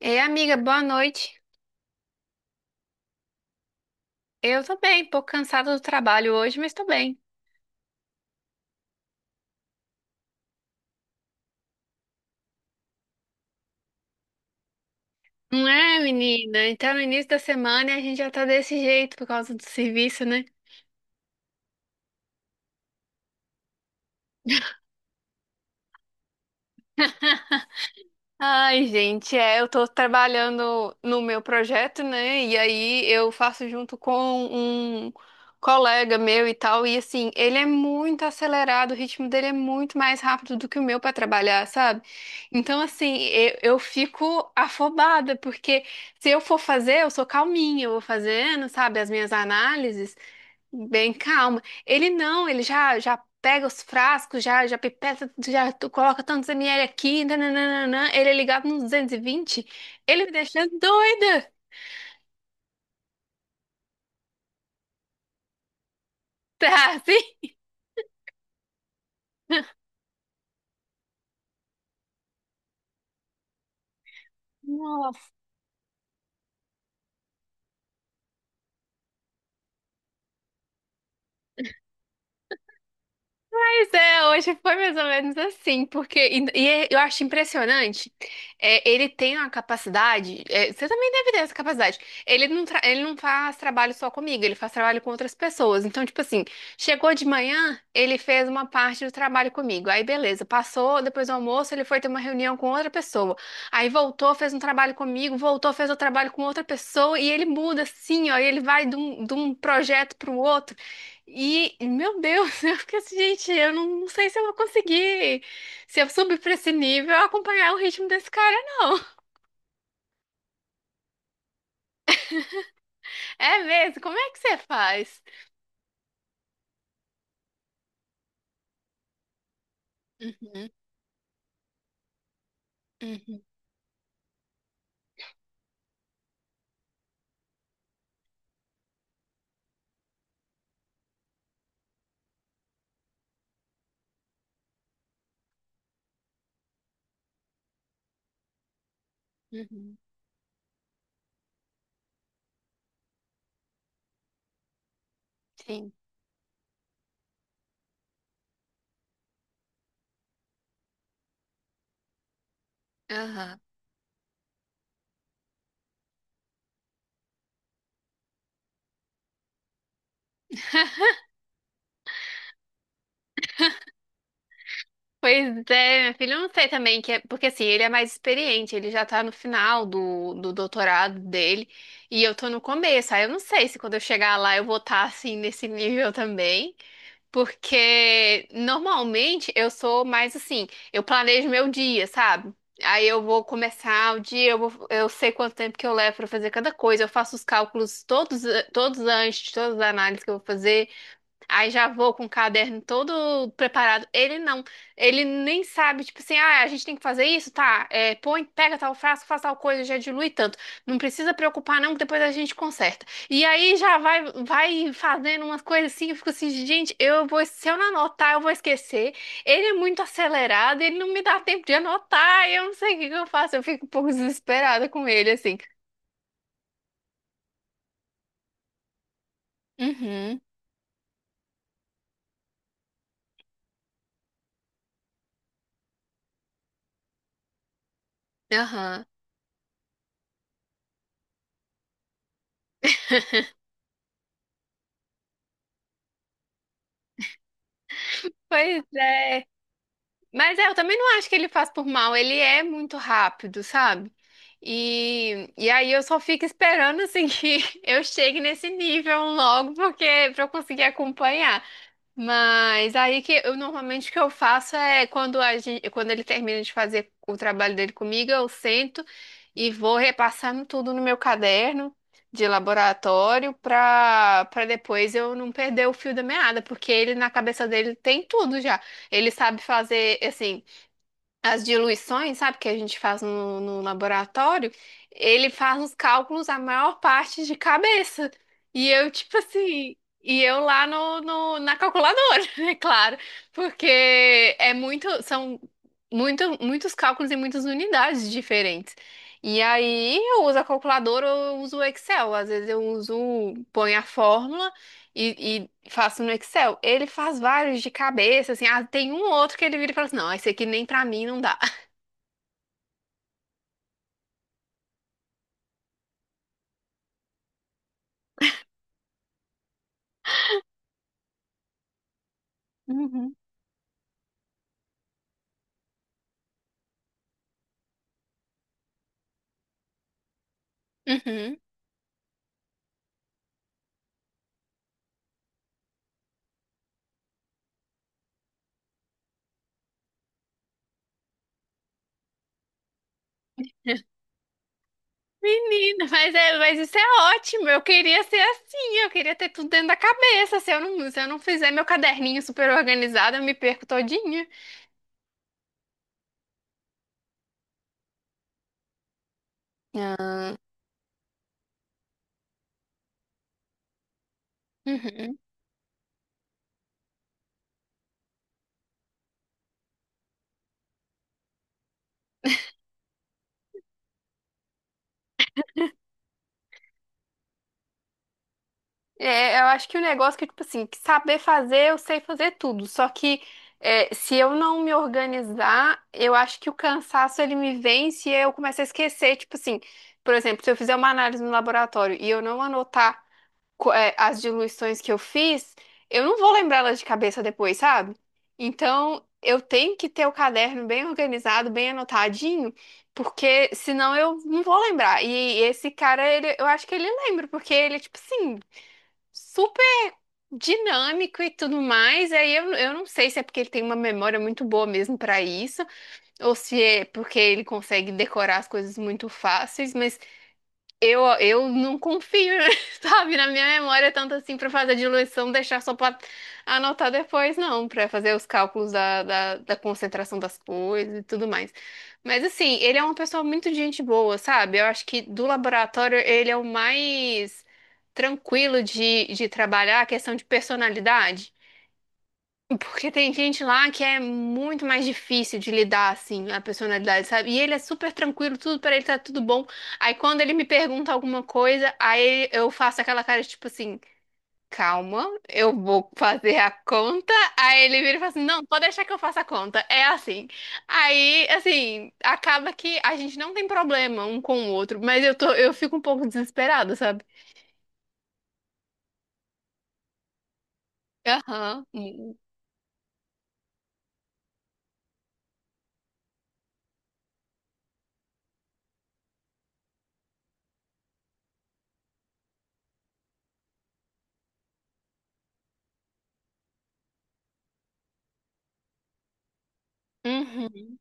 Ei, amiga, boa noite. Eu tô bem, um pouco cansada do trabalho hoje, mas tô bem. Não é, menina? Então, no início da semana a gente já tá desse jeito por causa do serviço, né? Ai, gente, é, eu tô trabalhando no meu projeto, né? E aí eu faço junto com um colega meu e tal, e assim, ele é muito acelerado, o ritmo dele é muito mais rápido do que o meu pra trabalhar, sabe? Então, assim, eu fico afobada, porque se eu for fazer, eu sou calminha, eu vou fazendo, sabe, as minhas análises. Bem calmo. Ele não, ele já pega os frascos, já pipeta, já tu coloca tantos ml aqui, nananana. Ele é ligado nos 220. Ele me deixa doida. Tá, assim? Pois é, hoje foi mais ou menos assim, porque eu acho impressionante. É, ele tem uma capacidade, é, você também deve ter essa capacidade. Ele não, ele não faz trabalho só comigo, ele faz trabalho com outras pessoas. Então, tipo assim, chegou de manhã, ele fez uma parte do trabalho comigo. Aí, beleza, passou, depois do almoço, ele foi ter uma reunião com outra pessoa. Aí voltou, fez um trabalho comigo, voltou, fez o trabalho com outra pessoa, e ele muda assim, ó, e ele vai de um projeto para o outro. E, meu Deus, eu fiquei assim, gente, eu não, não sei se eu vou conseguir, se eu subir pra esse nível, acompanhar o ritmo desse cara, não. É mesmo? Como é que você faz? Uhum, uhum, uhum. Sim. Aham. Pois é, minha filha, eu não sei também, que é, porque assim, ele é mais experiente, ele já tá no final do, do doutorado dele, e eu tô no começo, aí eu não sei se quando eu chegar lá eu vou estar assim, nesse nível também. Porque normalmente eu sou mais assim, eu planejo meu dia, sabe? Aí eu vou começar o dia, eu sei quanto tempo que eu levo pra fazer cada coisa, eu faço os cálculos todos, todos antes, de todas as análises que eu vou fazer. Aí já vou com o caderno todo preparado. Ele não. Ele nem sabe, tipo assim, ah, a gente tem que fazer isso, tá? É, põe, pega tal frasco, faz tal coisa, já dilui tanto. Não precisa preocupar, não, que depois a gente conserta. E aí já vai, vai fazendo umas coisas assim, eu fico assim, gente, eu vou, se eu não anotar, eu vou esquecer. Ele é muito acelerado, ele não me dá tempo de anotar, eu não sei o que que eu faço, eu fico um pouco desesperada com ele, assim. Uhum, aham. Pois é. Mas é, eu também não acho que ele faz por mal, ele é muito rápido, sabe? E aí eu só fico esperando assim que eu chegue nesse nível logo, porque pra eu conseguir acompanhar. Mas aí que eu normalmente o que eu faço é quando a gente, quando ele termina de fazer o trabalho dele comigo, eu sento e vou repassando tudo no meu caderno de laboratório para depois eu não perder o fio da meada, porque ele na cabeça dele tem tudo já. Ele sabe fazer assim, as diluições, sabe, que a gente faz no, no laboratório, ele faz os cálculos a maior parte de cabeça. E eu, tipo assim, e eu lá no, na calculadora, é claro, porque é muito, são muito, muitos cálculos e muitas unidades diferentes. E aí eu uso a calculadora ou eu uso o Excel, às vezes eu uso, ponho a fórmula e faço no Excel. Ele faz vários de cabeça, assim. Ah, tem um outro que ele vira e fala assim: não, esse aqui nem pra mim não dá. Uhum. Uhum. Menina, mas, é, mas isso é ótimo. Eu queria ser assim, eu queria ter tudo dentro da cabeça. Se eu não, se eu não fizer meu caderninho super organizado, eu me perco todinha. Ah. Uhum. É, eu acho que o negócio que, tipo assim, que saber fazer, eu sei fazer tudo. Só que é, se eu não me organizar, eu acho que o cansaço ele me vence e eu começo a esquecer. Tipo assim, por exemplo, se eu fizer uma análise no laboratório e eu não anotar é, as diluições que eu fiz, eu não vou lembrá-las de cabeça depois, sabe? Então, eu tenho que ter o caderno bem organizado, bem anotadinho, porque senão eu não vou lembrar. E esse cara, ele, eu acho que ele lembra, porque ele, tipo assim, super dinâmico e tudo mais. Aí eu não sei se é porque ele tem uma memória muito boa mesmo para isso, ou se é porque ele consegue decorar as coisas muito fáceis, mas eu não confio, sabe, na minha memória tanto assim para fazer a diluição, deixar só para anotar depois, não, para fazer os cálculos da concentração das coisas e tudo mais. Mas assim, ele é uma pessoa muito de gente boa, sabe? Eu acho que do laboratório ele é o mais tranquilo de trabalhar a questão de personalidade. Porque tem gente lá que é muito mais difícil de lidar, assim, a personalidade, sabe? E ele é super tranquilo, tudo pra ele tá tudo bom. Aí quando ele me pergunta alguma coisa, aí eu faço aquela cara de, tipo assim, calma, eu vou fazer a conta. Aí ele vira e fala assim, não, pode deixar que eu faça a conta. É assim. Aí, assim, acaba que a gente não tem problema um com o outro, mas eu tô, eu fico um pouco desesperada, sabe? Aham. Uhum.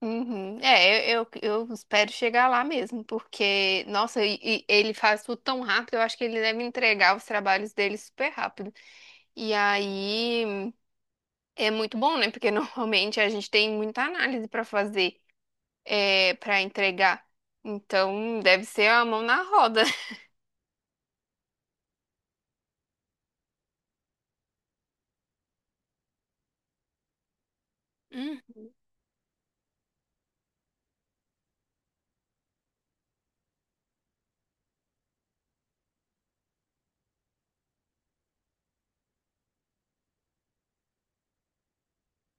Uhum. É, eu espero chegar lá mesmo, porque, nossa, e ele faz tudo tão rápido, eu acho que ele deve entregar os trabalhos dele super rápido. E aí é muito bom, né? Porque normalmente a gente tem muita análise para fazer, é, para entregar. Então, deve ser a mão na roda. Hum.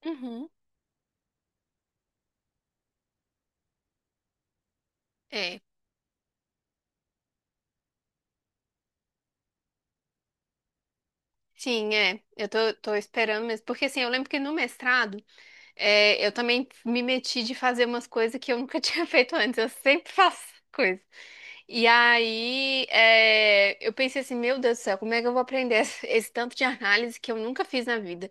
Uhum. É, sim, é. Eu tô, tô esperando mesmo. Porque assim, eu lembro que no mestrado é, eu também me meti de fazer umas coisas que eu nunca tinha feito antes. Eu sempre faço coisa. E aí, é, eu pensei assim, meu Deus do céu, como é que eu vou aprender esse, esse tanto de análise que eu nunca fiz na vida?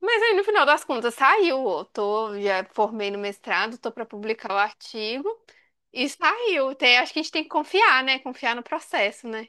Mas aí, no final das contas, saiu. Eu tô, já formei no mestrado, tô para publicar o artigo e saiu. Tem, acho que a gente tem que confiar, né? Confiar no processo, né?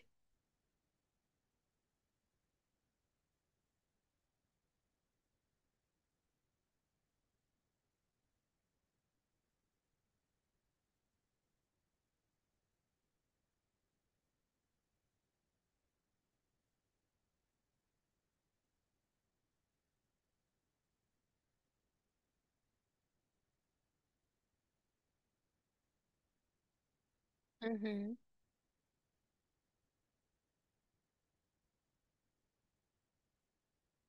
Uhum.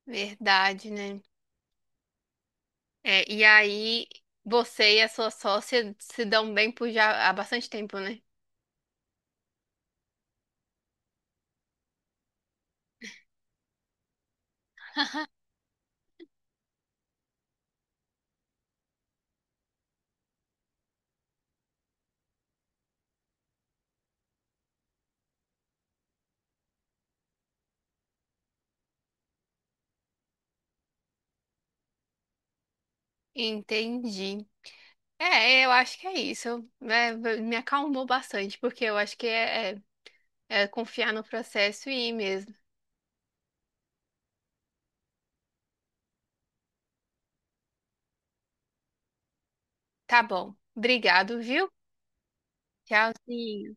Verdade, né? É, e aí, você e a sua sócia se dão bem por já há bastante tempo, né? Entendi. É, eu acho que é isso. Né, me acalmou bastante, porque eu acho que é confiar no processo e ir mesmo. Tá bom. Obrigado, viu? Tchauzinho.